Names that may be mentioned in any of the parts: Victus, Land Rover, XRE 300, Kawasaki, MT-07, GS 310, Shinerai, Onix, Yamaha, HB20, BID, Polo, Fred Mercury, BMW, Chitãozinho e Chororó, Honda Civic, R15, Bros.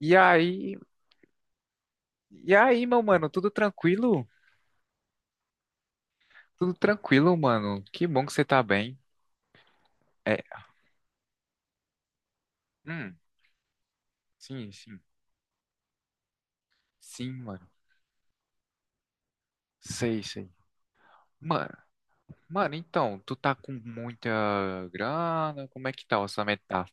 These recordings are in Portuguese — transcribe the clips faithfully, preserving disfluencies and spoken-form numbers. E aí, e aí, meu mano, tudo tranquilo? Tudo tranquilo, mano. Que bom que você tá bem. É, hum, sim, sim. Sim, mano. Sei, sei. Mano, mano, então, tu tá com muita grana? Como é que tá o orçamento? Tá.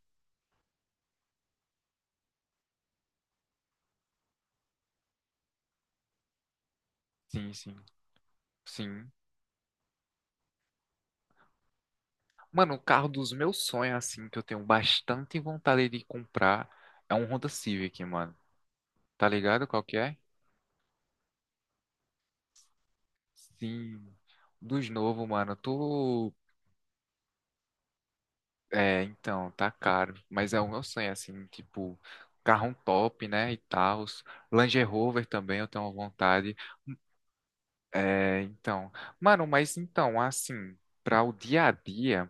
Sim, sim, sim. Mano, o carro dos meus sonhos, assim, que eu tenho bastante vontade de comprar, é um Honda Civic, mano. Tá ligado qual que é? Sim. Dos novos, mano. Tu É, então, tá caro. Mas é o meu sonho, assim, tipo, carro top, né? E tal. Land Rover também eu tenho vontade. É, então. Mano, mas então, assim, para o dia a dia,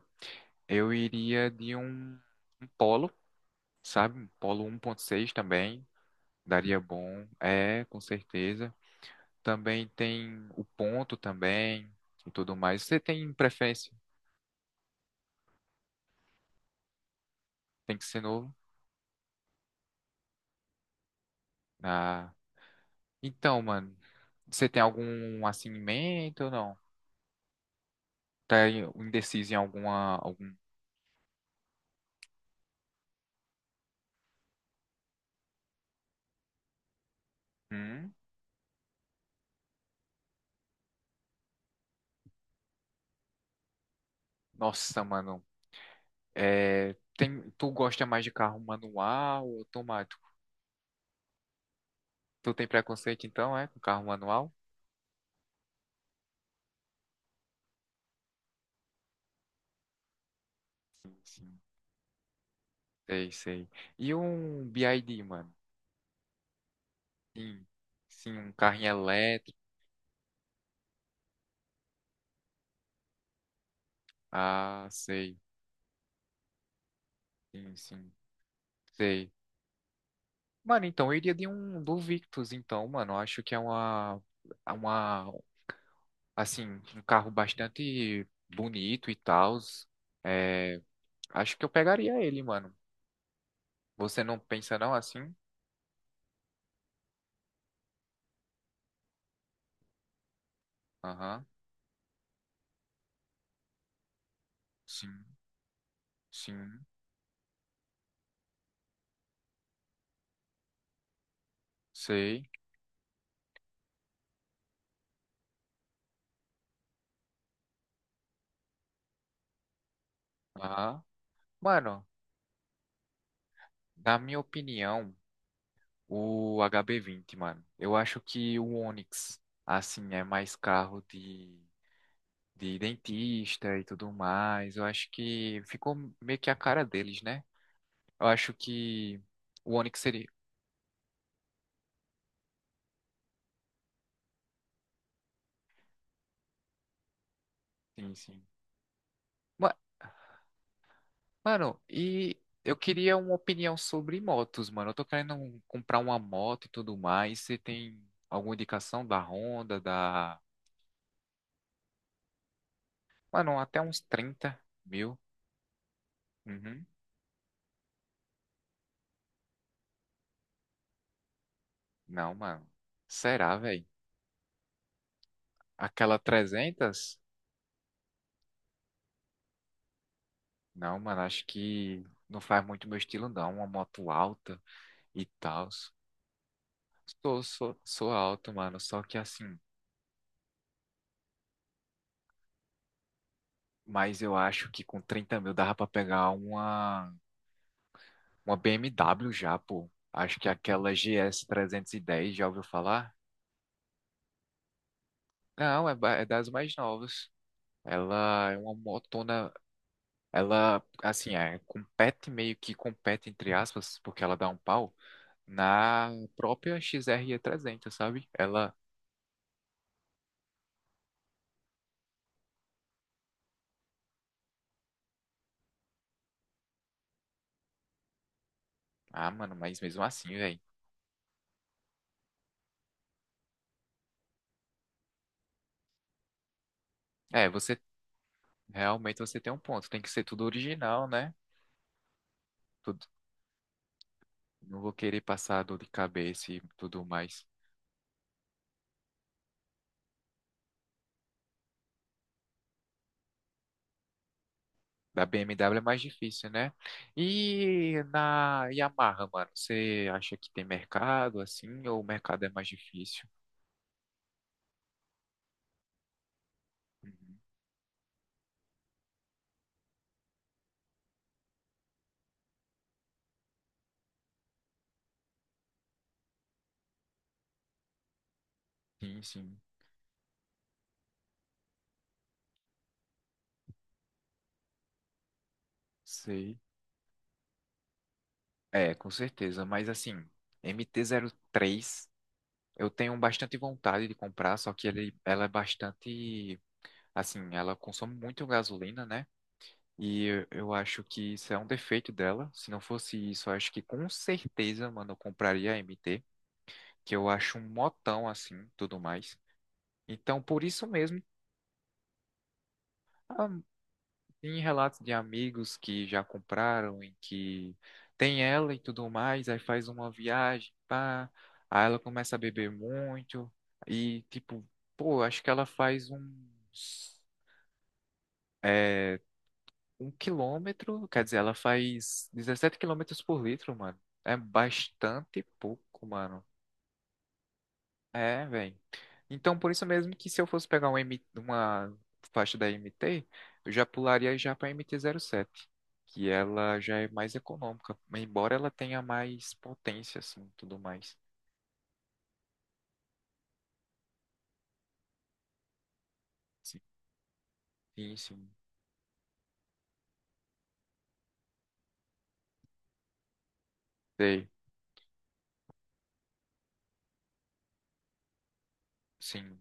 eu iria de um, um Polo, sabe? Um Polo um ponto seis também. Daria bom. É, com certeza. Também tem o ponto também e tudo mais. Você tem preferência? Tem que ser novo? Ah. Então, mano, você tem algum assim em mente ou não? Tá em- indeciso em alguma algum? Hum? Nossa, mano, é, tem, tu gosta mais de carro manual ou automático? Tu tem preconceito então, é, com carro manual? Sim, sim. Sei, sei. E um B I D, mano? Sim, sim, um carrinho elétrico. Ah, sei. Sim, sim, sei. Mano, então eu iria de um do Victus, então, mano. Eu acho que é uma, é uma assim, um carro bastante bonito e tal. É, acho que eu pegaria ele, mano. Você não pensa não assim? Aham, sim, sim, sei. Aham. Mano, na minha opinião, o H B vinte, mano. Eu acho que o Onix, assim, é mais carro de, de dentista e tudo mais. Eu acho que ficou meio que a cara deles, né? Eu acho que o Onix seria. Sim, sim. Mano, e eu queria uma opinião sobre motos, mano. Eu tô querendo um- comprar uma moto e tudo mais. Você tem alguma indicação da Honda, da... Mano, até uns trinta mil. Uhum. Não, mano. Será, velho? Aquela trezentos? Não, mano, acho que não faz muito meu estilo, não. Uma moto alta e tal. Sou, sou, sou alto, mano. Só que assim. Mas eu acho que com trinta mil dava pra pegar uma... Uma B M W já, pô. Acho que aquela G S trezentos e dez, já ouviu falar? Não, é, ba- é das mais novas. Ela é uma motona. Ela, assim, é, compete meio que compete, entre aspas, porque ela dá um pau na própria X R E trezentos, sabe? Ela. Ah, mano, mas mesmo assim, velho. É, você. Realmente você tem um ponto. Tem que ser tudo original, né? Tudo. Não vou querer passar dor de cabeça e tudo mais. Da B M W é mais difícil, né? E na Yamaha, mano, você acha que tem mercado assim ou o mercado é mais difícil? Uhum. Sim, sim, sei. É, com certeza, mas assim, MT três, eu tenho bastante vontade de comprar, só que ele, ela é bastante, assim, ela consome muito gasolina, né? E eu, eu acho que isso é um defeito dela. Se não fosse isso, eu acho que com certeza, mano, eu compraria a M T, que eu acho um motão assim, tudo mais. Então, por isso mesmo, ah, tem relatos de amigos que já compraram e que tem ela e tudo mais, aí faz uma viagem, pá, aí ela começa a beber muito e, tipo, pô, acho que ela faz uns, é, um quilômetro, quer dizer, ela faz dezessete quilômetros por litro, mano. É bastante pouco, mano. É, velho. Então, por isso mesmo que se eu fosse pegar um M- uma faixa da M T, eu já pularia já para M T zero sete, que ela já é mais econômica, embora ela tenha mais potência, assim, tudo mais. Sim, sim, sim. Sei, sim.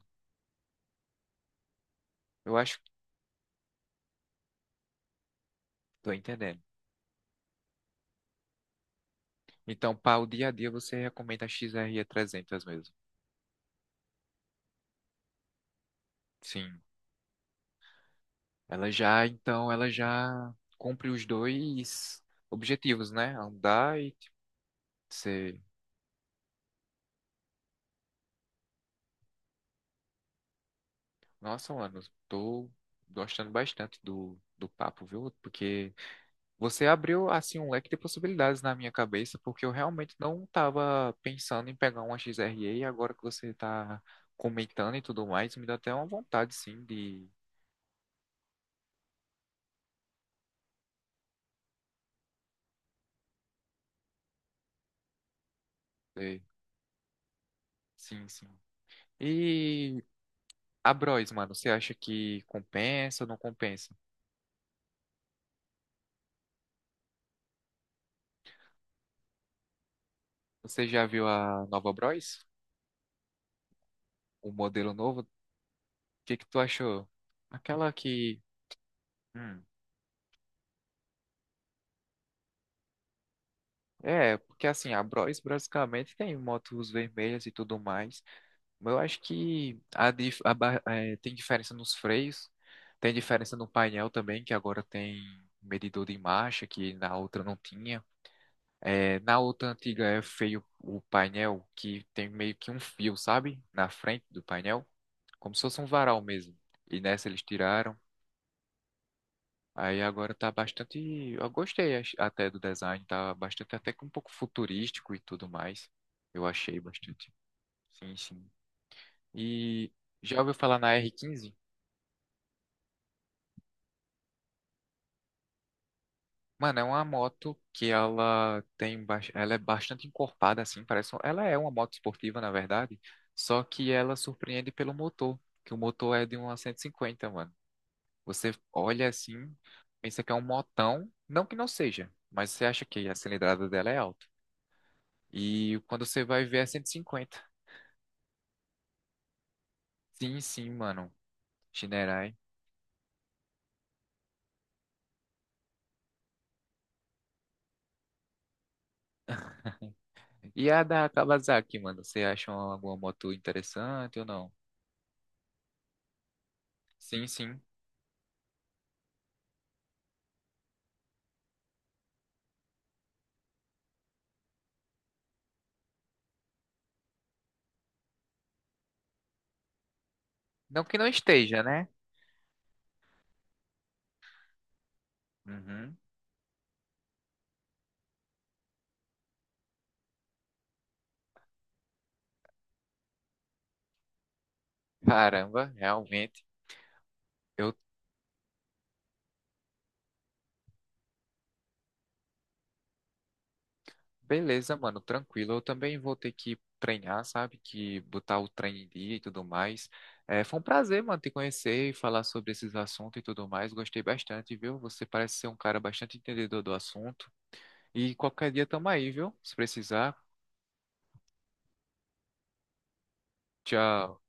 Eu acho que tô entendendo. Então, para o dia a dia, você recomenda a X R trezentos mesmo. Sim. Ela já, então, ela já cumpre os dois objetivos, né? Andar e tipo, ser Nossa, mano, tô gostando bastante do, do papo, viu? Porque você abriu, assim, um leque de possibilidades na minha cabeça, porque eu realmente não tava pensando em pegar uma XRE e e agora que você tá comentando e tudo mais, me dá até uma vontade, sim, de. de- Sim, sim. E a Bros, mano, você acha que compensa ou não compensa? Você já viu a nova Bros? O modelo novo? O que que tu achou? Aquela que... hum. É, porque assim, a Bros basicamente tem motos vermelhas e tudo mais. Mas eu acho que a, dif- a ba- eh, tem diferença nos freios, tem diferença no painel também, que agora tem medidor de marcha, que na outra não tinha. Eh, na outra antiga é feio o painel, que tem meio que um fio, sabe? Na frente do painel, como se fosse um varal mesmo. E nessa eles tiraram. Aí agora tá bastante. Eu gostei ach- até do design, tá bastante até que um pouco futurístico e tudo mais. Eu achei bastante. Sim, sim. E já ouviu falar na R quinze? Mano, é uma moto que ela tem, ba- ela é bastante encorpada assim, parece, um- ela é uma moto esportiva na verdade, só que ela surpreende pelo motor, que o motor é de uma cento e cinquenta, mano. Você olha assim, pensa que é um motão, não que não seja, mas você acha que a cilindrada dela é alta. E quando você vai ver é cento e cinquenta? Sim, sim, mano. Shinerai. E a da Kawasaki, mano, você acha alguma moto interessante ou não? Sim, sim. Não que não esteja, né? Uhum. Caramba, realmente. Eu, Beleza, mano, tranquilo. Eu também vou ter que treinar, sabe? Que botar o treino em dia e tudo mais. É, foi um prazer, mano, te conhecer e falar sobre esses assuntos e tudo mais. Gostei bastante, viu? Você parece ser um cara bastante entendedor do assunto. E qualquer dia tamo aí, viu? Se precisar. Tchau.